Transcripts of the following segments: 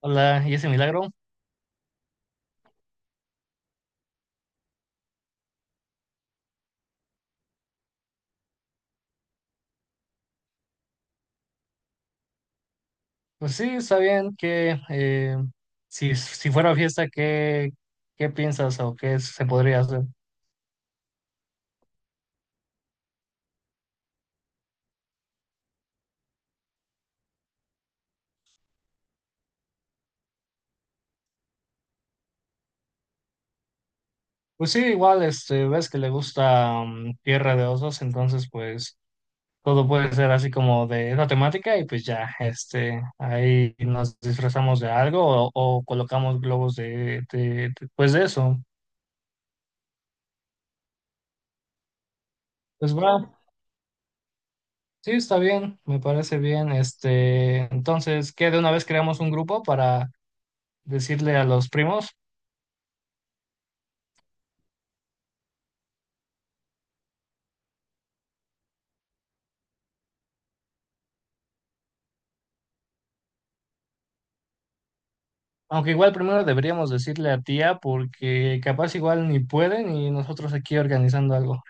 Hola, ¿y ese milagro? Pues sí, está bien que si fuera fiesta, ¿qué piensas o qué se podría hacer? Pues sí, igual, este, ves que le gusta Tierra de Osos, entonces pues todo puede ser así como de esa temática y pues ya, este, ahí nos disfrazamos de algo o colocamos globos de pues de eso. Pues va, sí, está bien, me parece bien, este, entonces, ¿qué de una vez creamos un grupo para decirle a los primos? Aunque igual primero deberíamos decirle a tía porque capaz igual ni pueden y nosotros aquí organizando algo.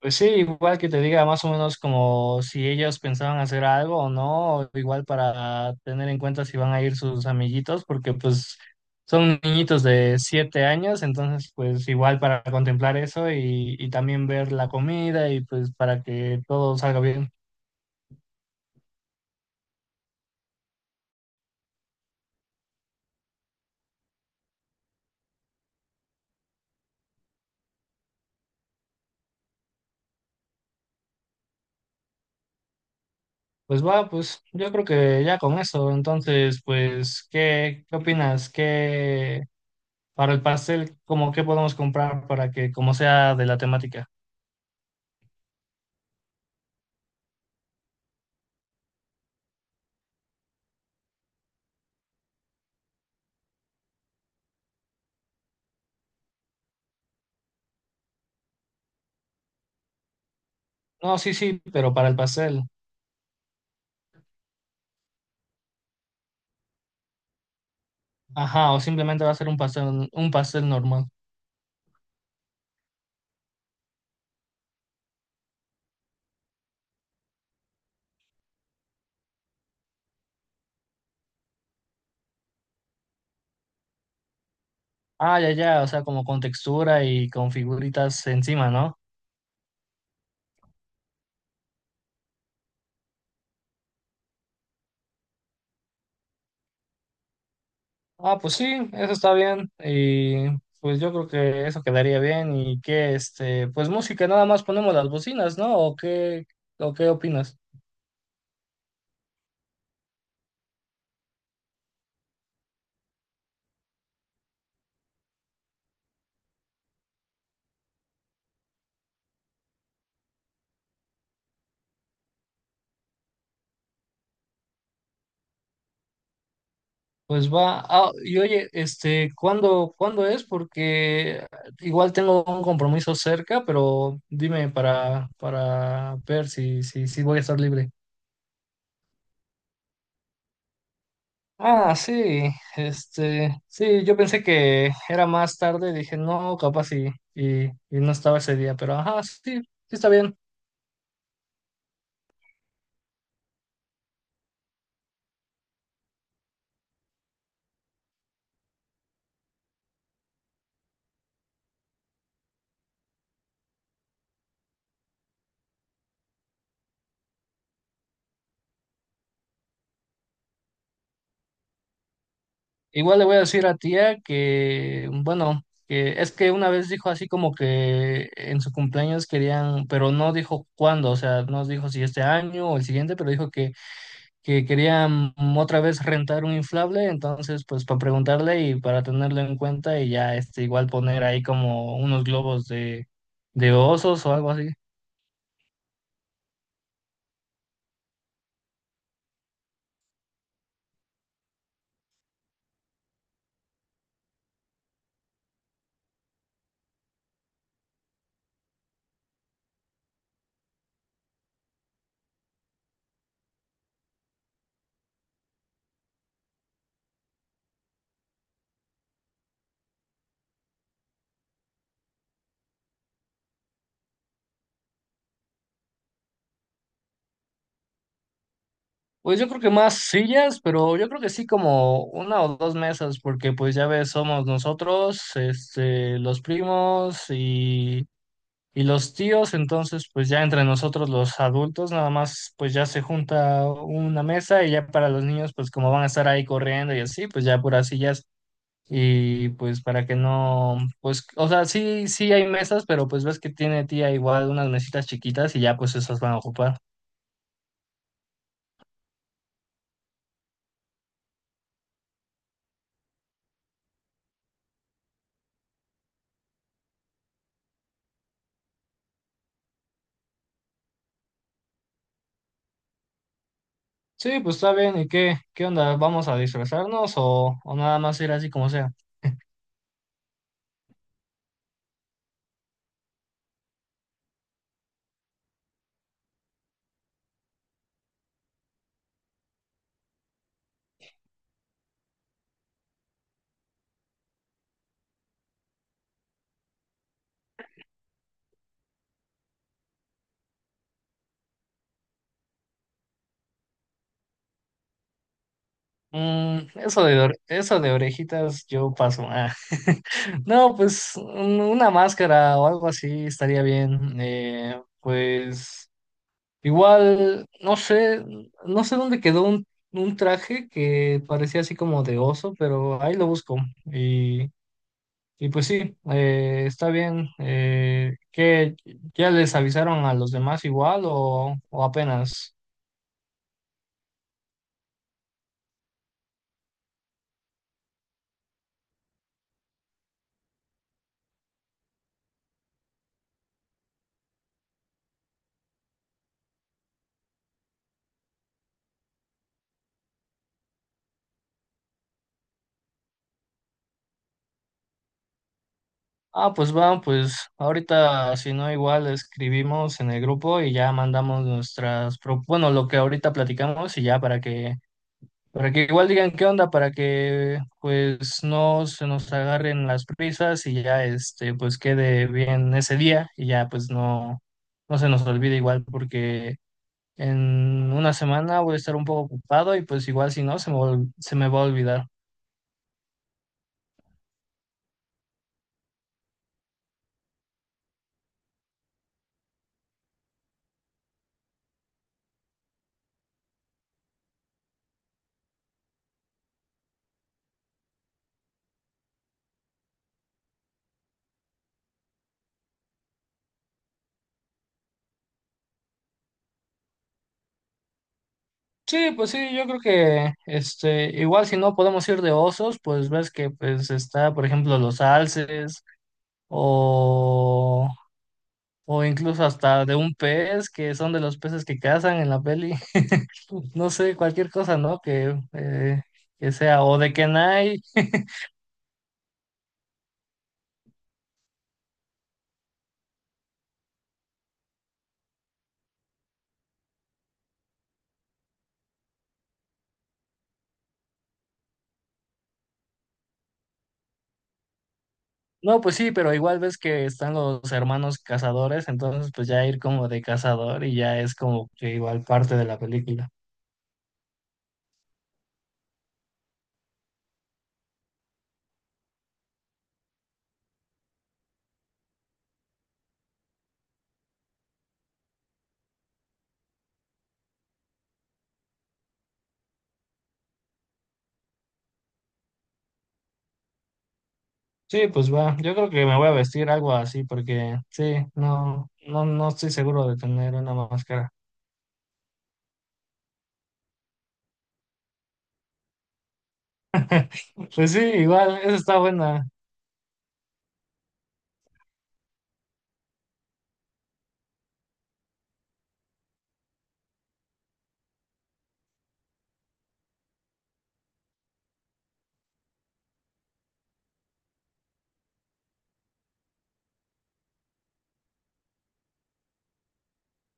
Pues sí, igual que te diga más o menos como si ellos pensaban hacer algo o no, igual para tener en cuenta si van a ir sus amiguitos, porque pues son niñitos de 7 años, entonces pues igual para contemplar eso y también ver la comida y pues para que todo salga bien. Pues va, pues yo creo que ya con eso, entonces pues, ¿qué opinas? ¿Qué? Para el pastel, ¿cómo qué podemos comprar para que, como sea de la temática? No, sí, sí, pero para el pastel. Ajá, o simplemente va a ser un pastel normal. Ah, ya, ya, o sea, como con textura y con figuritas encima, ¿no? Ah, pues sí, eso está bien. Y pues yo creo que eso quedaría bien. Y que, este, pues música, nada más ponemos las bocinas, ¿no? ¿O qué opinas? Pues va, ah, y oye, este, ¿cuándo es? Porque igual tengo un compromiso cerca, pero dime para ver si voy a estar libre. Ah, sí, este, sí, yo pensé que era más tarde, dije, no, capaz y no estaba ese día, pero ajá, sí, sí está bien. Igual le voy a decir a tía que, bueno, que es que una vez dijo así como que en su cumpleaños querían, pero no dijo cuándo, o sea, no dijo si este año o el siguiente, pero dijo que querían otra vez rentar un inflable, entonces pues para preguntarle y para tenerlo en cuenta y ya este igual poner ahí como unos globos de osos o algo así. Pues yo creo que más sillas, pero yo creo que sí como una o dos mesas, porque pues ya ves, somos nosotros, este, los primos y los tíos, entonces pues ya entre nosotros los adultos nada más pues ya se junta una mesa y ya para los niños pues como van a estar ahí corriendo y así, pues ya puras sillas y pues para que no, pues o sea, sí, sí hay mesas, pero pues ves que tiene tía igual unas mesitas chiquitas y ya pues esas van a ocupar. Sí, pues está bien. ¿Y qué onda? ¿Vamos a disfrazarnos o nada más ir así como sea? Mm, eso de orejitas yo paso. Ah. No, pues una máscara o algo así estaría bien. Pues igual, no sé dónde quedó un traje que parecía así como de oso, pero ahí lo busco. Y pues sí, está bien. ¿Qué, ya les avisaron a los demás igual o apenas? Ah, pues va, pues ahorita si no igual escribimos en el grupo y ya mandamos nuestras, bueno, lo que ahorita platicamos y ya para que, igual digan qué onda, para que pues no se nos agarren las prisas y ya este, pues quede bien ese día y ya pues no, no se nos olvide igual porque en una semana voy a estar un poco ocupado y pues igual si no, se me va a olvidar. Sí, pues sí, yo creo que este, igual si no podemos ir de osos, pues ves que pues está, por ejemplo, los alces o, o incluso hasta de un pez, que son de los peces que cazan en la peli. No sé, cualquier cosa, ¿no? Que sea, o de Kenai. No, pues sí, pero igual ves que están los hermanos cazadores, entonces pues ya ir como de cazador y ya es como que igual parte de la película. Sí, pues va, yo creo que me voy a vestir algo así porque sí, no, no, no estoy seguro de tener una máscara. Pues sí, igual, esa está buena.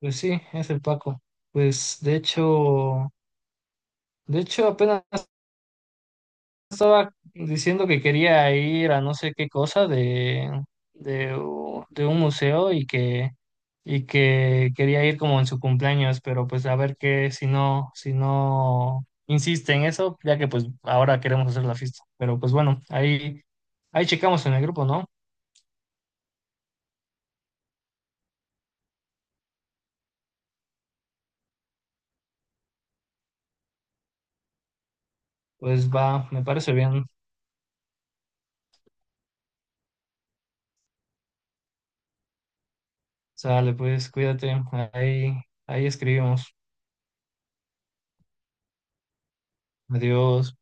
Pues sí, es el Paco. Pues de hecho apenas estaba diciendo que quería ir a no sé qué cosa de un museo y que, quería ir como en su cumpleaños, pero pues a ver qué, si no insiste en eso, ya que pues ahora queremos hacer la fiesta. Pero pues bueno, ahí checamos en el grupo, ¿no? Pues va, me parece bien. Sale, pues cuídate, ahí, ahí escribimos. Adiós.